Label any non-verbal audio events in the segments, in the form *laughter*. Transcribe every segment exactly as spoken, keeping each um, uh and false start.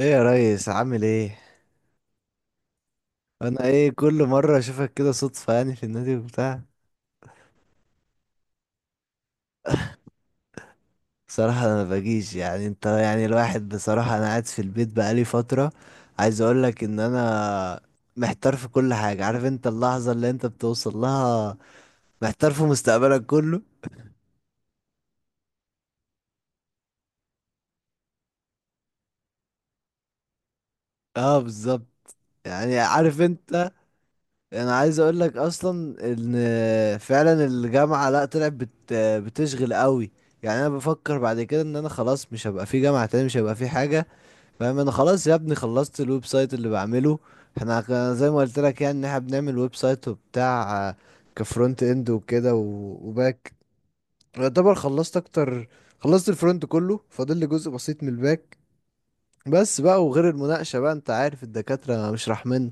ايه يا ريس، عامل ايه؟ انا، ايه، كل مره اشوفك كده صدفه، يعني في النادي وبتاع. بصراحه انا ما باجيش، يعني انت، يعني الواحد، بصراحه انا قاعد في البيت بقالي فتره. عايز اقول لك ان انا محتار في كل حاجه، عارف انت اللحظه اللي انت بتوصل لها، محتار في مستقبلك كله. اه، بالظبط. يعني عارف انت، انا عايز اقول لك اصلا ان فعلا الجامعة، لا طلعت بت بتشغل قوي. يعني انا بفكر بعد كده ان انا خلاص مش هبقى في جامعة تاني، مش هبقى في حاجة، فاهم. انا خلاص يا ابني، خلصت الويب سايت اللي بعمله. احنا ك- زي ما قلت لك، يعني ان احنا بنعمل ويب سايت وبتاع، آه، كفرونت اند وكده و- وباك. يعتبر خلصت اكتر، خلصت الفرونت كله، فاضل لي جزء بسيط من الباك. بس بقى، وغير المناقشة بقى، انت عارف الدكاترة مش رحمن.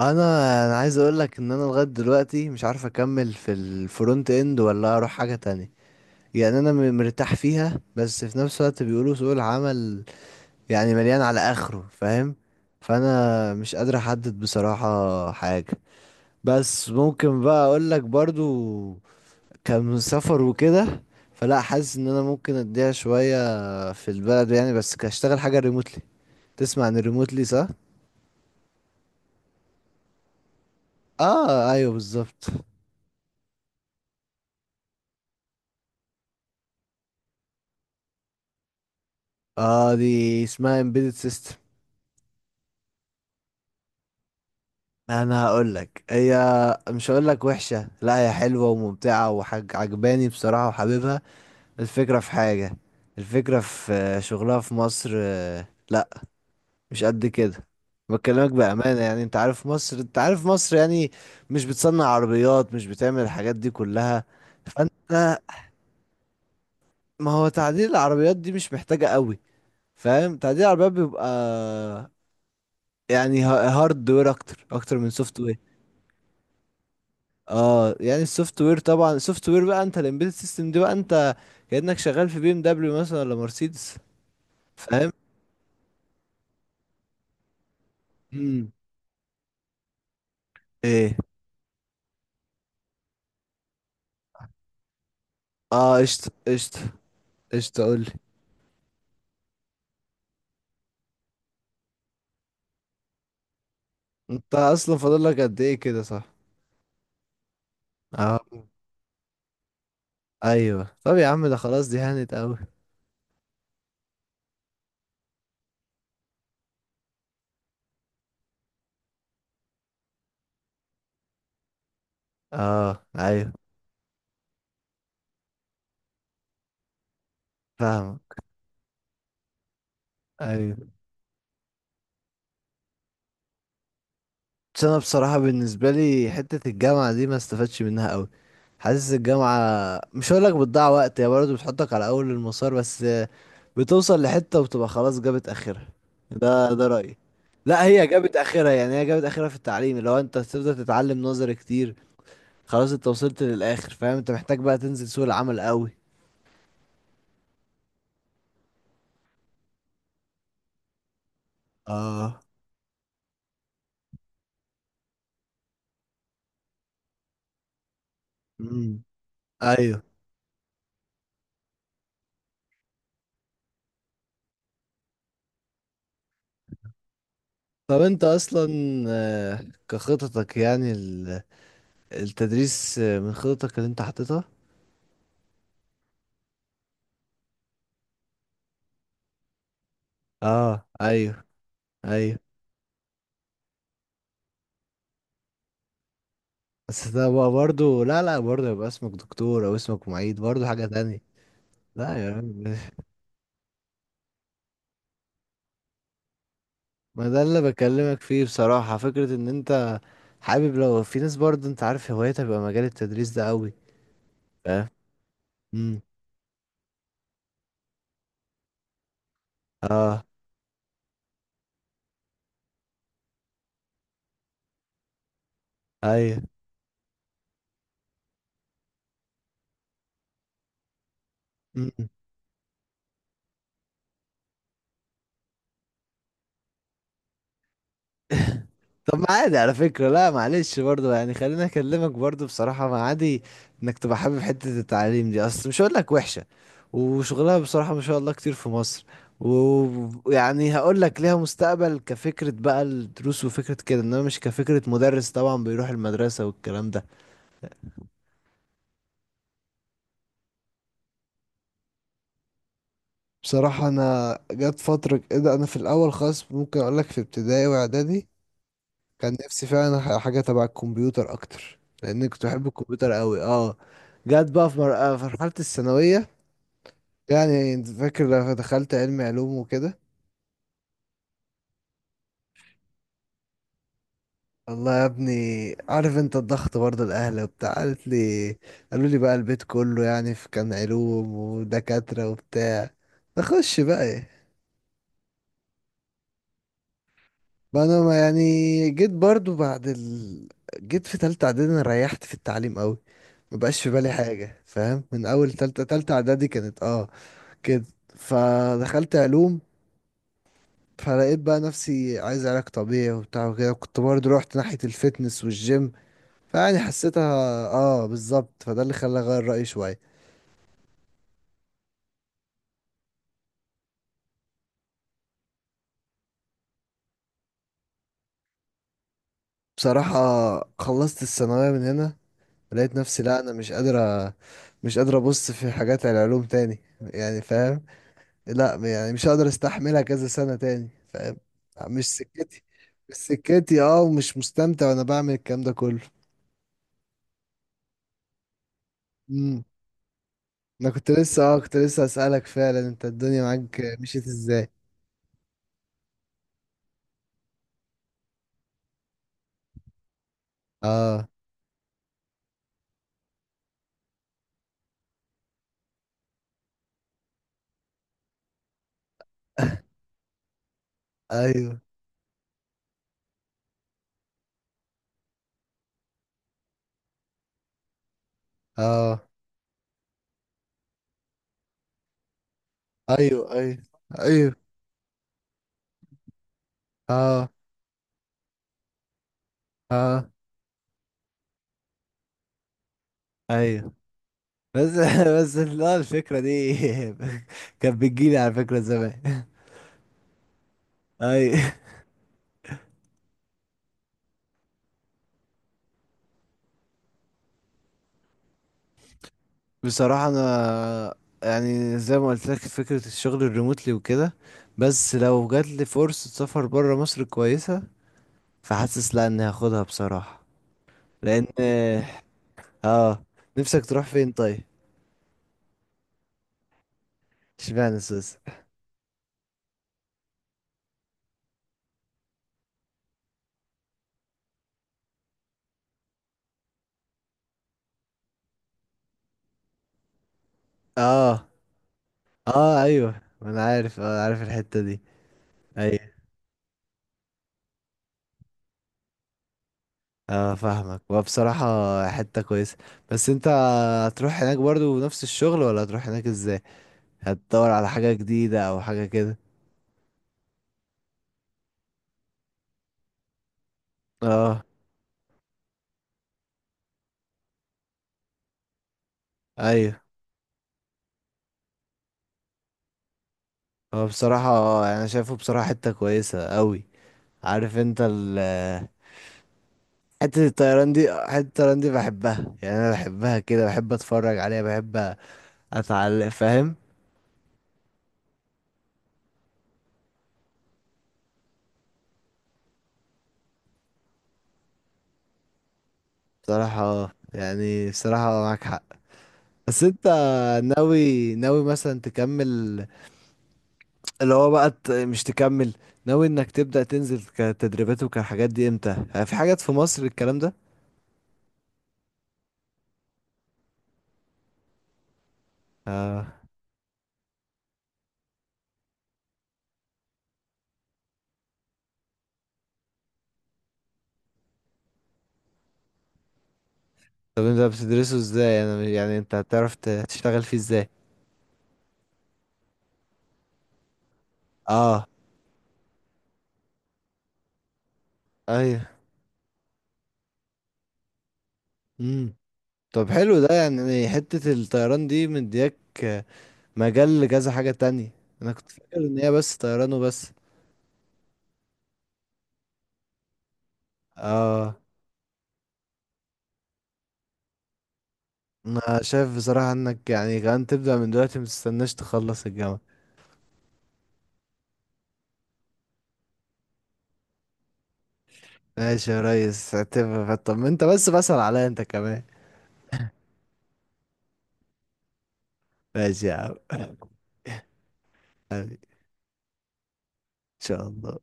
انا انا عايز اقول لك ان انا لغاية دلوقتي مش عارف اكمل في الفرونت اند ولا اروح حاجة تانية. يعني انا م- مرتاح فيها، بس في نفس الوقت بيقولوا سوق العمل يعني مليان على اخره، فاهم. فانا مش قادر احدد بصراحة حاجة. بس ممكن بقى اقول لك برضو، كان سفر وكده، فلا، حاسس ان انا ممكن اديها شوية في البلد يعني، بس كاشتغل حاجة ريموتلي. تسمع عن الريموتلي، صح؟ اه، ايوه، بالظبط. اه، دي اسمها embedded system. انا هقول لك، هي مش هقول لك وحشة، لا هي حلوة وممتعة وحاجة عجباني بصراحة وحاببها. الفكرة في حاجة، الفكرة في، آه، شغلها في مصر، آه، لا، مش قد كده. بكلمك بأمانة، يعني انت عارف مصر، انت عارف مصر، يعني مش بتصنع عربيات، مش بتعمل الحاجات دي كلها. فانت، ما هو تعديل العربيات دي مش محتاجة قوي، فاهم. تعديل العربيات بيبقى يعني هارد وير اكتر، اكتر من سوفت وير. اه، يعني السوفت وير، طبعا السوفت وير بقى، انت الامبيدد سيستم دي بقى انت كأنك شغال في بي ام دبليو مثلا ولا مرسيدس. فاهم. مم. ايه. اه، قشطة، قشطة. قشطة، قولي. انت اصلا فاضل لك قد ايه كده، صح؟ اه، ايوه. طب يا عم، ده خلاص، دي هانت قوي. اه، ايوه، فاهم، ايوه. بس انا بصراحة بالنسبة لي حتة الجامعة دي ما استفدتش منها قوي. حاسس الجامعة، مش هقول لك بتضيع وقت، هي برضه بتحطك على اول المسار بس، بتوصل لحتة وبتبقى خلاص جابت اخرها. ده ده رأيي. لا، هي جابت اخرها يعني، هي جابت اخرها في التعليم لو انت تفضل تتعلم نظري كتير. خلاص انت وصلت للاخر، فاهم. انت محتاج بقى تنزل سوق العمل قوي. اه. امم ايوه. طب انت اصلا، آه، كخططك، يعني ال- التدريس آه، من خططك اللي انت حاططها؟ اه، ايوه، ايوه. بس ده بقى برضه، لا لا، برضه يبقى اسمك دكتور او اسمك معيد، برضه حاجة تانية. لا يا عم، ما ده اللي بكلمك فيه بصراحة. فكرة ان انت حابب، لو في ناس برضه انت عارف هوايتها بيبقى مجال التدريس ده قوي. فاهم. امم. اه. ايوه. امم. *laughs* طب، ما عادي على فكرة، لا معلش، برضو يعني خليني اكلمك برضو بصراحة. ما عادي انك تبقى حابب حتة التعليم دي، اصل مش هقول لك وحشة. وشغلها بصراحة ما شاء الله كتير في مصر. ويعني هقول لك ليها مستقبل كفكرة بقى الدروس وفكرة كده، انما مش كفكرة مدرس طبعا بيروح المدرسة والكلام ده. بصراحة انا جت فترة كده، انا في الاول خالص، ممكن اقول لك في ابتدائي واعدادي كان نفسي فعلا ح- حاجة تبع الكمبيوتر أكتر، لأن كنت بحب الكمبيوتر أوي. اه. جت بقى في مر- آه، في مرحلة الثانوية، يعني أنت فاكر لما دخلت علم علوم وكده. الله يا ابني، عارف انت الضغط برضه، الأهل وبتاع قالت لي قالوا لي بقى البيت كله، يعني في كان علوم ودكاترة وبتاع، نخش بقى ايه. بقى انا، ما يعني، جيت برضه بعد ال... جيت في تالتة إعدادي، أنا ريحت في التعليم أوي. مبقاش في بالي حاجة، فاهم. من أول تالتة تالتة إعدادي، كانت، اه، كده. فدخلت علوم. فلقيت بقى نفسي عايز علاج طبيعي وبتاع وكده، كنت برضه رحت ناحية الفتنس والجيم. فيعني حسيتها. اه، بالظبط، فده اللي خلاني اغير رأيي شوية. بصراحة خلصت الثانوية من هنا، لقيت نفسي، لا انا مش قادرة، مش قادر ابص في حاجات العلوم تاني، يعني فاهم. لا، يعني مش هقدر استحملها كذا سنة تاني، فاهم. مش سكتي، مش سكتي، اه، ومش مستمتع وانا بعمل الكلام ده كله. انا كنت لسه، اه كنت لسه اسالك فعلا، انت الدنيا معاك مشيت ازاي؟ اه *laughs* ايوه. اه، ايوه، ايوه، ايوه. اه، اه، ايوه، بس *laughs* بس، لا، الفكره دي *laughs* كانت بتجيلي على فكره زمان. *laughs* اي. بصراحه انا، يعني زي ما قلت لك فكره الشغل الريموتلي وكده، بس لو جات لي فرصه سفر بره مصر كويسه، فحاسس لا، اني هاخدها بصراحه، لان. اه. نفسك تروح فين، طيب؟ اشمعنى سوسة؟ اه، اه، ايوه، انا عارف اه عارف الحتة دي، ايوه. اه، فاهمك، وبصراحة حتة كويسة. بس انت هتروح هناك برضو نفس الشغل، ولا هتروح هناك ازاي؟ هتدور على حاجة جديدة او حاجة كده؟ اه، ايوه. هو بصراحة، انا شايفه بصراحة حتة كويسة قوي. عارف انت ال... حتة الطيران دي، حتة الطيران دي بحبها، يعني انا بحبها كده، بحب اتفرج عليها، بحب اتعلق، فاهم. بصراحة، اه، يعني بصراحة معاك حق. بس انت ناوي، ناوي مثلا تكمل، اللي هو بقى ت- مش تكمل. ناوي انك تبدأ تنزل كتدريبات وكحاجات دي امتى، اه، في حاجات في مصر الكلام ده؟ اه. طب انت بتدرسه ازاي؟ انا مش- يعني انت هتعرف ت- تشتغل فيه ازاي؟ اه، ايوه. امم. طب حلو، ده يعني حتة الطيران دي مدياك، اه، مجال لكذا حاجة تانية. انا كنت فاكر ان هي بس طيران وبس. اه. انا شايف بصراحة انك يعني كمان تبدأ من دلوقتي، متستناش تخلص الجامعة. ماشي يا ريس، اعتبر. طب ما انت بس بسأل عليا انت كمان. ماشي يا عم. *laughs* حبيبي، ان شاء الله.